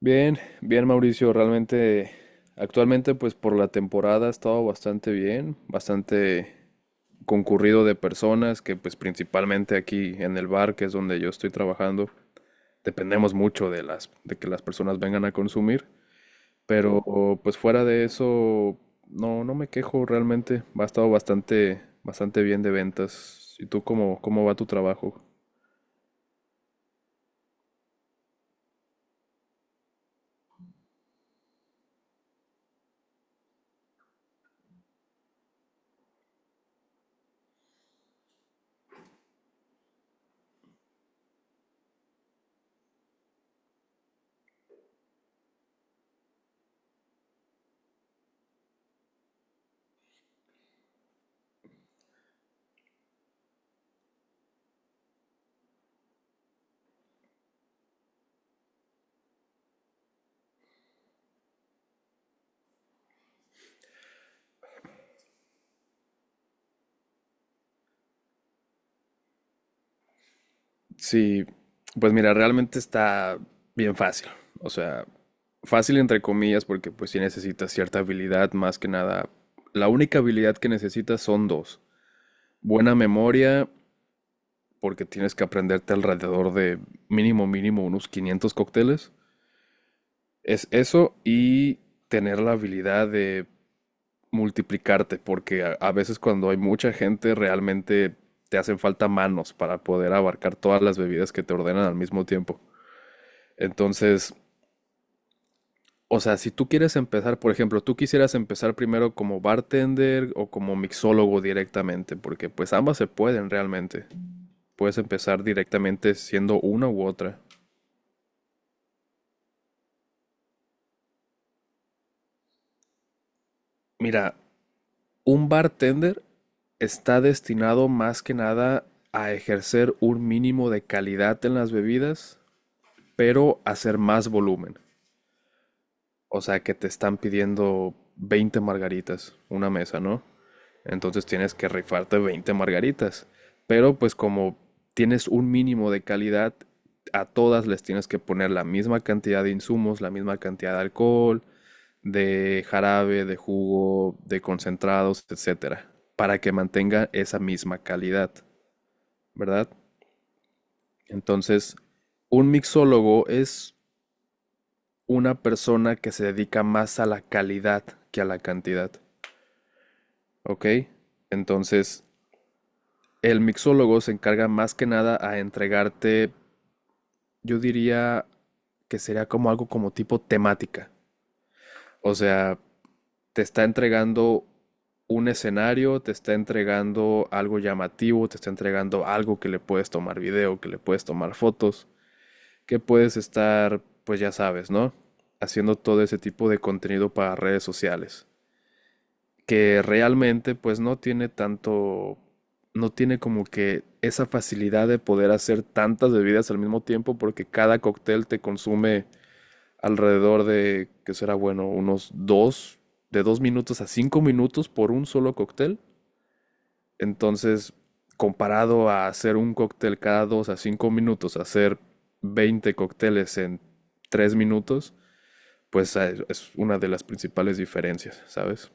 Bien, bien Mauricio, realmente actualmente pues por la temporada ha estado bastante bien, bastante concurrido de personas que pues principalmente aquí en el bar, que es donde yo estoy trabajando, dependemos mucho de que las personas vengan a consumir, pero, ujú, pues fuera de eso no me quejo realmente, ha estado bastante bastante bien de ventas. ¿Y tú cómo va tu trabajo? Sí, pues mira, realmente está bien fácil. O sea, fácil entre comillas porque pues sí necesitas cierta habilidad, más que nada. La única habilidad que necesitas son dos. Buena memoria, porque tienes que aprenderte alrededor de mínimo, mínimo unos 500 cócteles. Es eso y tener la habilidad de multiplicarte, porque a veces cuando hay mucha gente realmente te hacen falta manos para poder abarcar todas las bebidas que te ordenan al mismo tiempo. Entonces, o sea, si tú quieres empezar, por ejemplo, tú quisieras empezar primero como bartender o como mixólogo directamente, porque pues ambas se pueden realmente. Puedes empezar directamente siendo una u otra. Mira, un bartender está destinado más que nada a ejercer un mínimo de calidad en las bebidas, pero hacer más volumen. O sea, que te están pidiendo 20 margaritas, una mesa, ¿no? Entonces tienes que rifarte 20 margaritas. Pero pues como tienes un mínimo de calidad, a todas les tienes que poner la misma cantidad de insumos, la misma cantidad de alcohol, de jarabe, de jugo, de concentrados, etcétera, para que mantenga esa misma calidad, ¿verdad? Entonces, un mixólogo es una persona que se dedica más a la calidad que a la cantidad, ¿ok? Entonces, el mixólogo se encarga más que nada a entregarte, yo diría que sería como algo como tipo temática. O sea, te está entregando un escenario, te está entregando algo llamativo, te está entregando algo que le puedes tomar video, que le puedes tomar fotos, que puedes estar, pues ya sabes, ¿no? Haciendo todo ese tipo de contenido para redes sociales, que realmente pues no tiene tanto, no tiene como que esa facilidad de poder hacer tantas bebidas al mismo tiempo porque cada cóctel te consume alrededor de, que será bueno, unos dos, de 2 minutos a 5 minutos por un solo cóctel. Entonces, comparado a hacer un cóctel cada 2 a 5 minutos, hacer 20 cócteles en 3 minutos, pues es una de las principales diferencias, ¿sabes?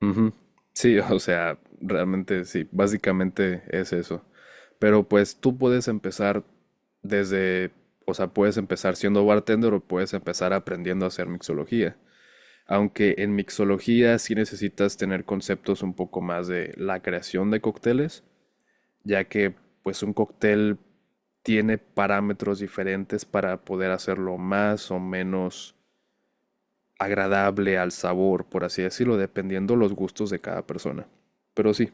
Ujú. Sí, o sea, realmente sí, básicamente es eso. Pero pues tú puedes empezar desde, o sea, puedes empezar siendo bartender o puedes empezar aprendiendo a hacer mixología. Aunque en mixología sí necesitas tener conceptos un poco más de la creación de cócteles, ya que pues un cóctel tiene parámetros diferentes para poder hacerlo más o menos agradable al sabor, por así decirlo, dependiendo los gustos de cada persona. Pero sí,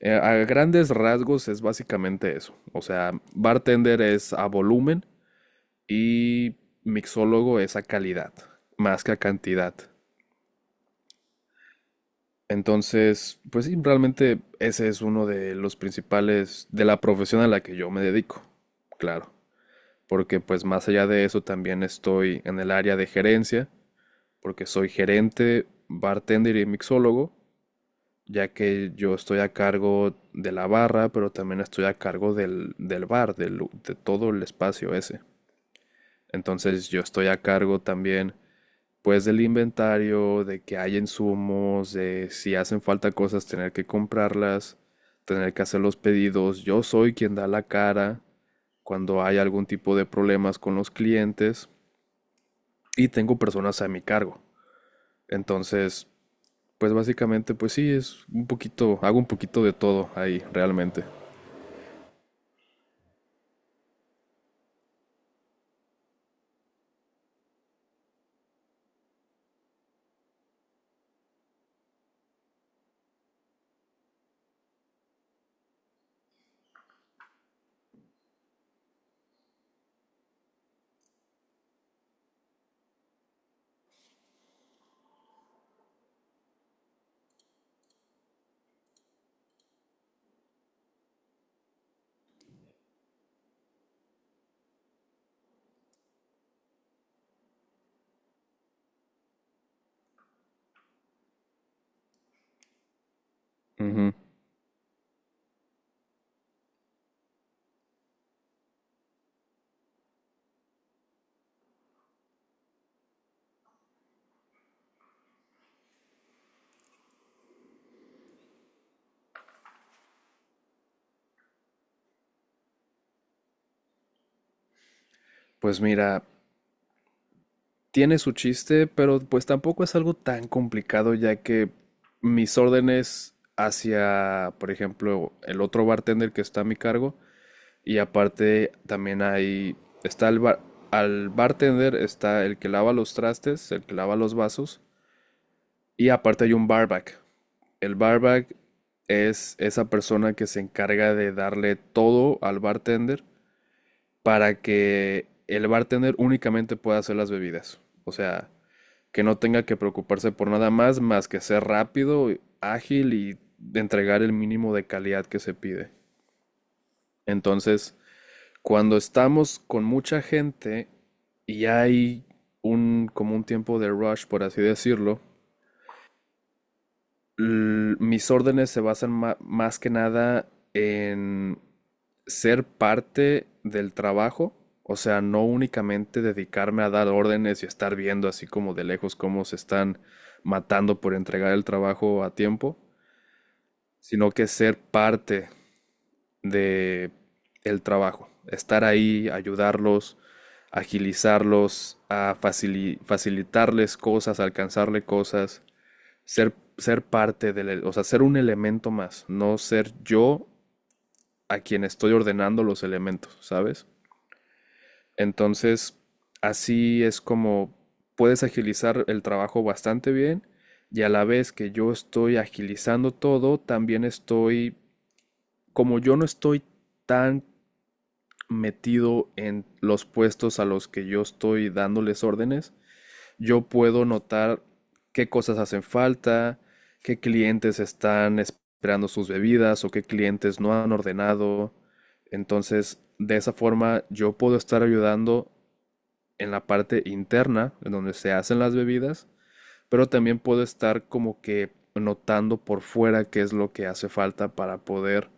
a grandes rasgos es básicamente eso. O sea, bartender es a volumen y mixólogo es a calidad, más que a cantidad. Entonces, pues sí, realmente ese es uno de los principales de la profesión a la que yo me dedico, claro. Porque pues más allá de eso también estoy en el área de gerencia, porque soy gerente, bartender y mixólogo, ya que yo estoy a cargo de la barra, pero también estoy a cargo del bar, del lu- de todo el espacio ese. Entonces yo estoy a cargo también, pues, del inventario, de que hay insumos, de si hacen falta cosas, tener que comprarlas, tener que hacer los pedidos. Yo soy quien da la cara cuando hay algún tipo de problemas con los clientes y tengo personas a mi cargo. Entonces, pues básicamente, pues sí, es un poquito, hago un poquito de todo ahí realmente. Ujú. Pues mira, tiene su chiste, pero pues tampoco es algo tan complicado ya que mis órdenes hacia, por ejemplo, el otro bartender que está a mi cargo y aparte también hay, está el bar- al bartender está el que lava los trastes, el que lava los vasos y aparte hay un barback. El barback es esa persona que se encarga de darle todo al bartender para que el bartender únicamente pueda hacer las bebidas. O sea, que no tenga que preocuparse por nada más, más que ser rápido, ágil y de entregar el mínimo de calidad que se pide. Entonces, cuando estamos con mucha gente y hay un como un tiempo de rush, por así decirlo, mis órdenes se basan más que nada en ser parte del trabajo, o sea, no únicamente dedicarme a dar órdenes y estar viendo así como de lejos cómo se están matando por entregar el trabajo a tiempo, sino que ser parte de el trabajo, estar ahí, ayudarlos, agilizarlos, a facilitarles cosas, alcanzarle cosas, ser parte o sea, ser un elemento más, no ser yo a quien estoy ordenando los elementos, ¿sabes? Entonces, así es como puedes agilizar el trabajo bastante bien y a la vez que yo estoy agilizando todo, también estoy, como yo no estoy tan metido en los puestos a los que yo estoy dándoles órdenes, yo puedo notar qué cosas hacen falta, qué clientes están esperando sus bebidas o qué clientes no han ordenado. Entonces, de esa forma yo puedo estar ayudando en la parte interna, en donde se hacen las bebidas, pero también puedo estar como que notando por fuera qué es lo que hace falta para poder,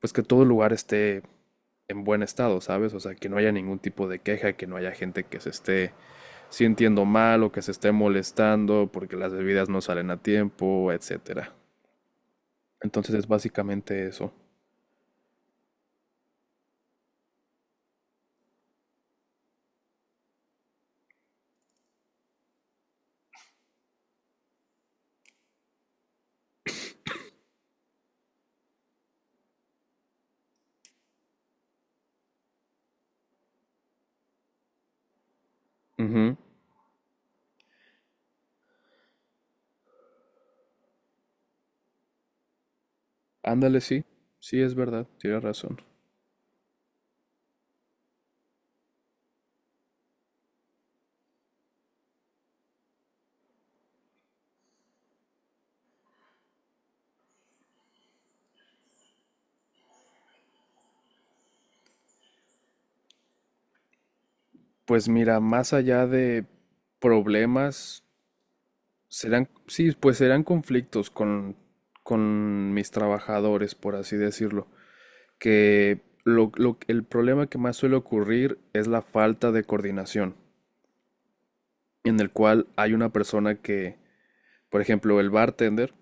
pues que todo el lugar esté en buen estado, ¿sabes? O sea, que no haya ningún tipo de queja, que no haya gente que se esté si entiendo mal o que se esté molestando porque las bebidas no salen a tiempo, etcétera. Entonces es básicamente eso. Ujú. Ándale, sí, sí es verdad, tienes razón. Pues mira, más allá de problemas, serán, sí, pues serán conflictos con mis trabajadores, por así decirlo. Que el problema que más suele ocurrir es la falta de coordinación, en el cual hay una persona que, por ejemplo, el bartender.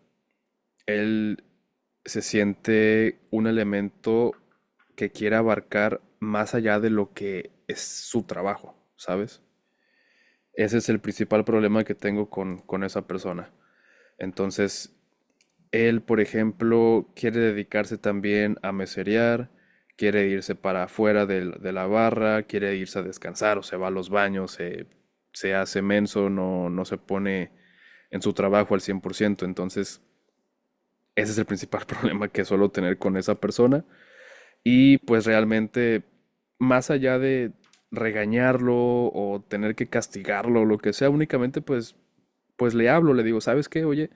Él se siente un elemento que quiere abarcar más allá de lo que es su trabajo, ¿sabes? Ese es el principal problema que tengo con esa persona. Entonces, él, por ejemplo, quiere dedicarse también a meserear, quiere irse para afuera de la barra, quiere irse a descansar, o se va a los baños, se se hace menso, no se pone en su trabajo al 100%. Entonces, ese es el principal problema que suelo tener con esa persona. Y pues realmente, más allá de regañarlo o tener que castigarlo o lo que sea, únicamente pues, pues le hablo, le digo, ¿sabes qué? Oye,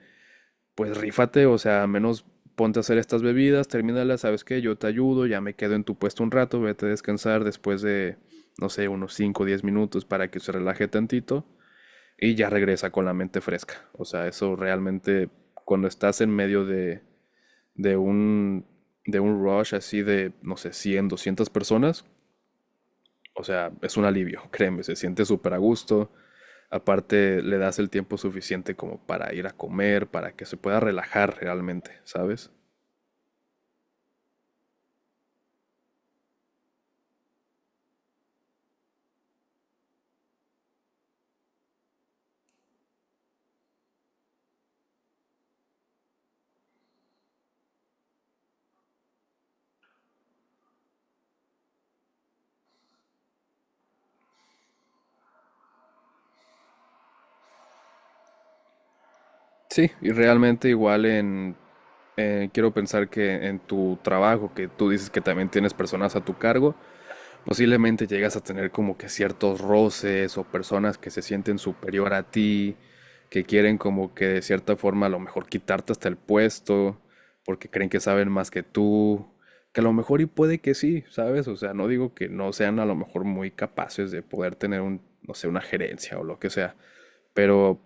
pues rífate, o sea, al menos ponte a hacer estas bebidas, termínalas. ¿Sabes qué? Yo te ayudo, ya me quedo en tu puesto un rato, vete a descansar después de, no sé, unos cinco o 10 minutos para que se relaje tantito y ya regresa con la mente fresca. O sea, eso realmente cuando estás en medio de un, de un rush así de, no sé, 100, 200 personas, o sea, es un alivio, créeme, se siente súper a gusto. Aparte, le das el tiempo suficiente como para ir a comer, para que se pueda relajar realmente, ¿sabes? Sí, y realmente igual en, quiero pensar que en tu trabajo, que tú dices que también tienes personas a tu cargo, posiblemente llegas a tener como que ciertos roces o personas que se sienten superior a ti, que quieren como que de cierta forma a lo mejor quitarte hasta el puesto, porque creen que saben más que tú, que a lo mejor y puede que sí, ¿sabes? O sea, no digo que no sean a lo mejor muy capaces de poder tener un, no sé, una gerencia o lo que sea, pero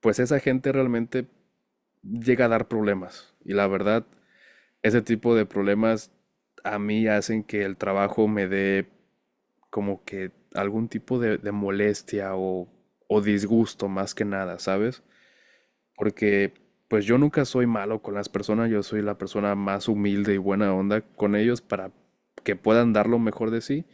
pues esa gente realmente llega a dar problemas y la verdad, ese tipo de problemas a mí hacen que el trabajo me dé como que algún tipo de molestia o disgusto más que nada, ¿sabes? Porque pues yo nunca soy malo con las personas, yo soy la persona más humilde y buena onda con ellos para que puedan dar lo mejor de sí,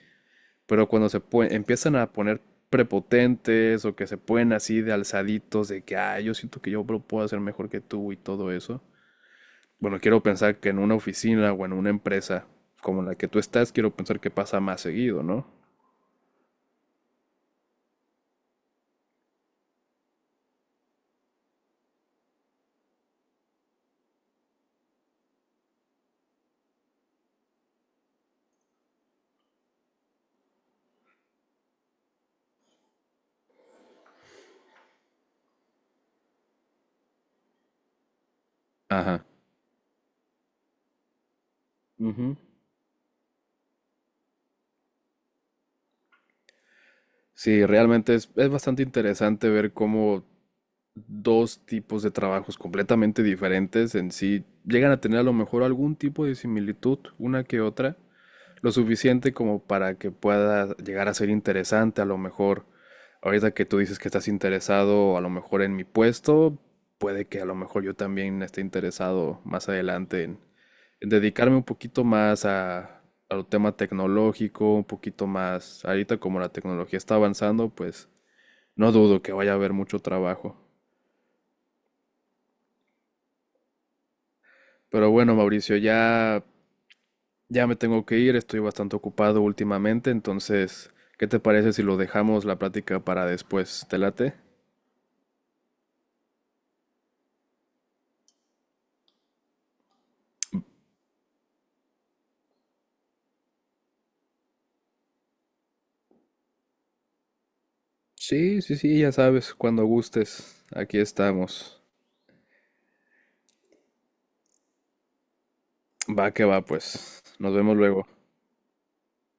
pero cuando se empiezan a poner prepotentes o que se ponen así de alzaditos de que, ah, yo siento que yo lo puedo hacer mejor que tú y todo eso. Bueno, quiero pensar que en una oficina o en una empresa como la que tú estás, quiero pensar que pasa más seguido, ¿no? Ajá. Ujú. Sí, realmente es bastante interesante ver cómo dos tipos de trabajos completamente diferentes en sí llegan a tener a lo mejor algún tipo de similitud una que otra, lo suficiente como para que pueda llegar a ser interesante a lo mejor. Ahorita que tú dices que estás interesado a lo mejor en mi puesto, puede que a lo mejor yo también esté interesado más adelante en dedicarme un poquito más al tema tecnológico, un poquito más, ahorita como la tecnología está avanzando, pues no dudo que vaya a haber mucho trabajo. Pero bueno, Mauricio, ya, ya me tengo que ir, estoy bastante ocupado últimamente, entonces, ¿qué te parece si lo dejamos la plática para después? ¿Te late? Sí, sí, sí, ya sabes, cuando gustes, aquí estamos. Va que va, pues. Nos vemos luego.